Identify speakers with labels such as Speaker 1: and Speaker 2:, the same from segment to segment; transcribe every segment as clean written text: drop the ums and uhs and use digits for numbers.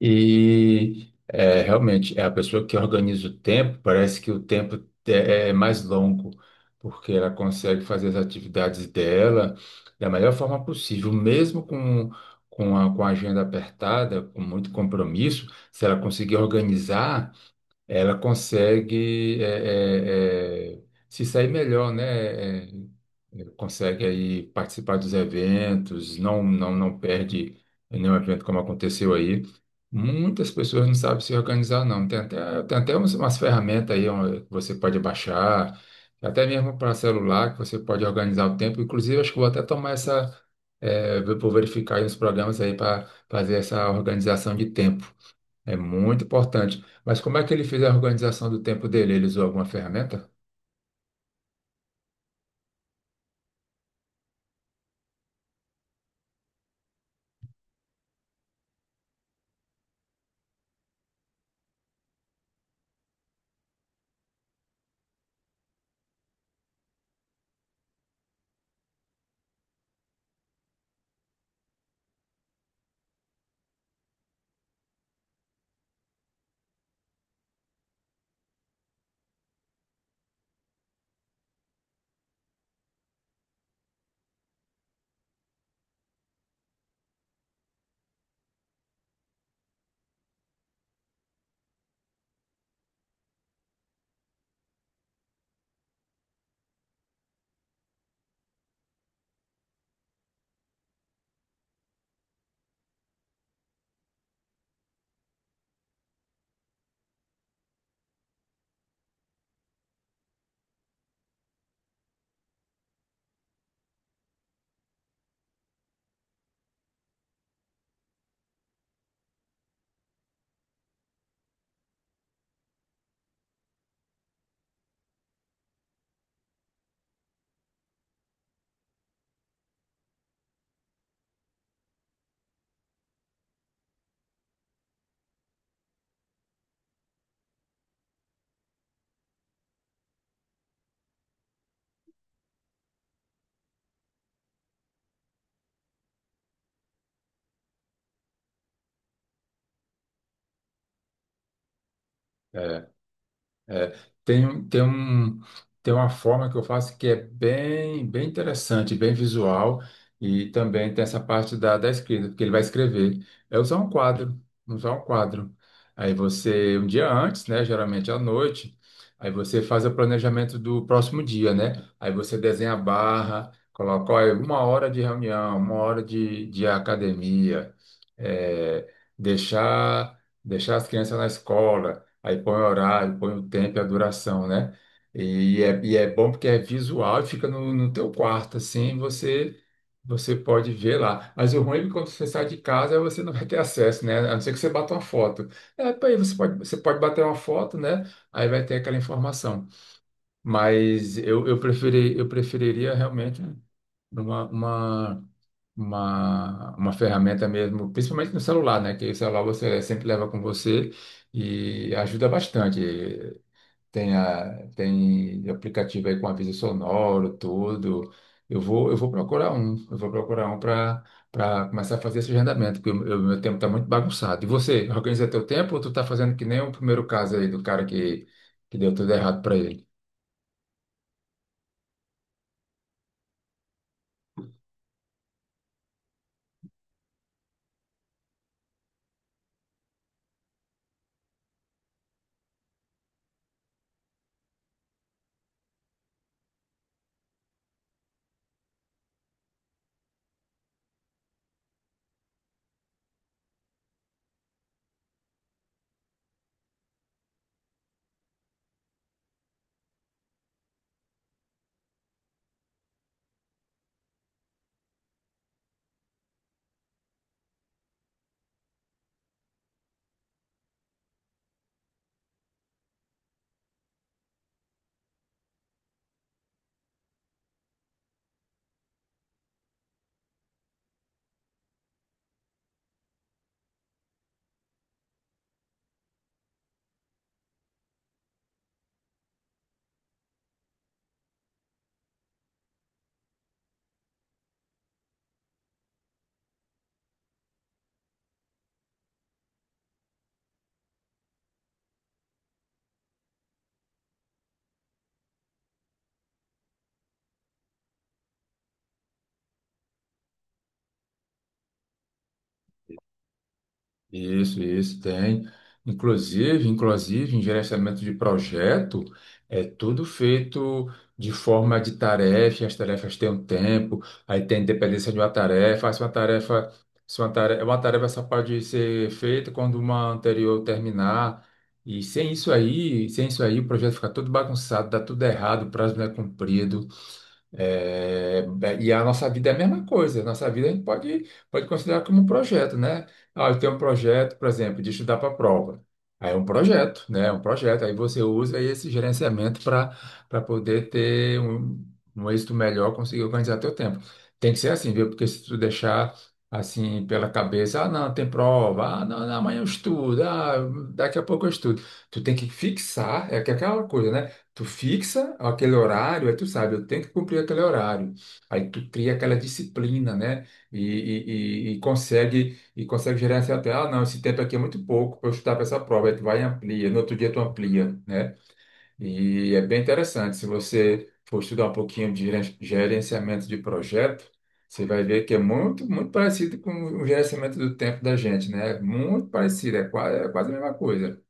Speaker 1: E é, realmente, é a pessoa que organiza o tempo, parece que o tempo é mais longo, porque ela consegue fazer as atividades dela da melhor forma possível, com a agenda apertada, com muito compromisso, se ela conseguir organizar ela consegue se sair melhor, né? Consegue aí participar dos eventos, não perde nenhum evento como aconteceu aí. Muitas pessoas não sabem se organizar, não. Tem até umas ferramentas aí ó, que você pode baixar, até mesmo para celular, que você pode organizar o tempo. Inclusive, acho que vou até tomar vou verificar aí os programas aí para fazer essa organização de tempo. É muito importante. Mas como é que ele fez a organização do tempo dele? Ele usou alguma ferramenta? É, tem, tem um, tem uma forma que eu faço que é bem, bem interessante, bem visual, e também tem essa parte da escrita, porque ele vai escrever. É usar um quadro, usar um quadro. Aí você, um dia antes, né, geralmente à noite, aí você faz o planejamento do próximo dia, né? Aí você desenha a barra, coloca, olha, uma hora de reunião, uma hora de academia, é, deixar, deixar as crianças na escola. Aí põe o horário, põe o tempo e a duração, né? E é bom porque é visual e fica no teu quarto, assim, você pode ver lá. Mas o ruim é que quando você sai de casa, você não vai ter acesso, né? A não ser que você bata uma foto. É, pô, aí você pode bater uma foto, né? Aí vai ter aquela informação. Eu preferi, eu preferiria realmente uma, uma uma ferramenta mesmo, principalmente no celular, né? Que o celular você sempre leva com você e ajuda bastante. Tem, a, tem aplicativo aí com aviso sonoro, tudo. Eu vou procurar um para começar a fazer esse agendamento, porque o meu tempo está muito bagunçado. E você, organiza teu tempo ou tu tá fazendo que nem o primeiro caso aí do cara que deu tudo errado para ele? Isso, tem. Inclusive, inclusive, em gerenciamento de projeto, é tudo feito de forma de tarefa, as tarefas têm um tempo, aí tem dependência de uma tarefa, ah, se uma tarefa, se uma tarefa, uma tarefa só pode ser feita quando uma anterior terminar, e sem isso aí, sem isso aí, o projeto fica todo bagunçado, dá tudo errado, o prazo não é cumprido, é, e a nossa vida é a mesma coisa. A nossa vida a gente pode considerar como um projeto, né? Ah, eu tenho um projeto, por exemplo, de estudar para a prova. Aí é um projeto, né? É um projeto. Aí você usa esse gerenciamento para poder ter um êxito melhor, conseguir organizar teu tempo. Tem que ser assim, viu? Porque se tu deixar assim pela cabeça, ah, não, tem prova, ah, não, amanhã eu estudo, ah, daqui a pouco eu estudo. Tu tem que fixar, é que é aquela coisa, né? Tu fixa aquele horário, aí tu sabe, eu tenho que cumprir aquele horário. Aí tu cria aquela disciplina, né? E consegue gerenciar até, ah, não, esse tempo aqui é muito pouco para eu estudar para essa prova. Aí tu vai e amplia, no outro dia tu amplia, né? E é bem interessante. Se você for estudar um pouquinho de gerenciamento de projeto, você vai ver que é muito, muito parecido com o gerenciamento do tempo da gente, né? Muito parecido, é quase a mesma coisa.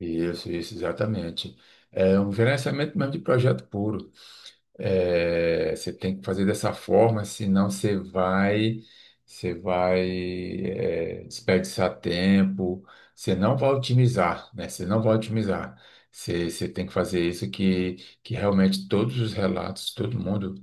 Speaker 1: Isso, exatamente. É um gerenciamento mesmo de projeto puro. É, você tem que fazer dessa forma, senão você vai, é, desperdiçar tempo, você não vai otimizar, né? Você não vai otimizar. Você tem que fazer isso que realmente todos os relatos, todo mundo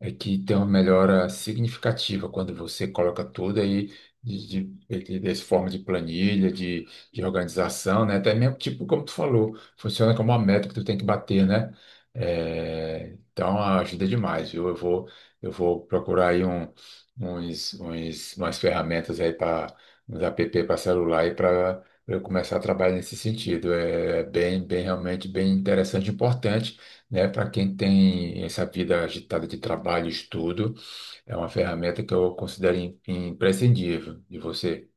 Speaker 1: é que tem uma melhora significativa quando você coloca tudo aí de, de, dessa forma de planilha, de organização, né? Até mesmo, tipo, como tu falou, funciona como uma meta que tu tem que bater, né? É, então ajuda demais, viu? Eu vou procurar aí umas ferramentas aí para uns app para celular e para eu começar a trabalhar nesse sentido. É bem, bem realmente bem interessante e importante né? Para quem tem essa vida agitada de trabalho e estudo, é uma ferramenta que eu considero imprescindível de você.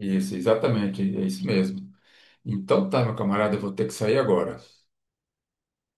Speaker 1: Isso, exatamente, é isso mesmo. Então tá, meu camarada, eu vou ter que sair agora.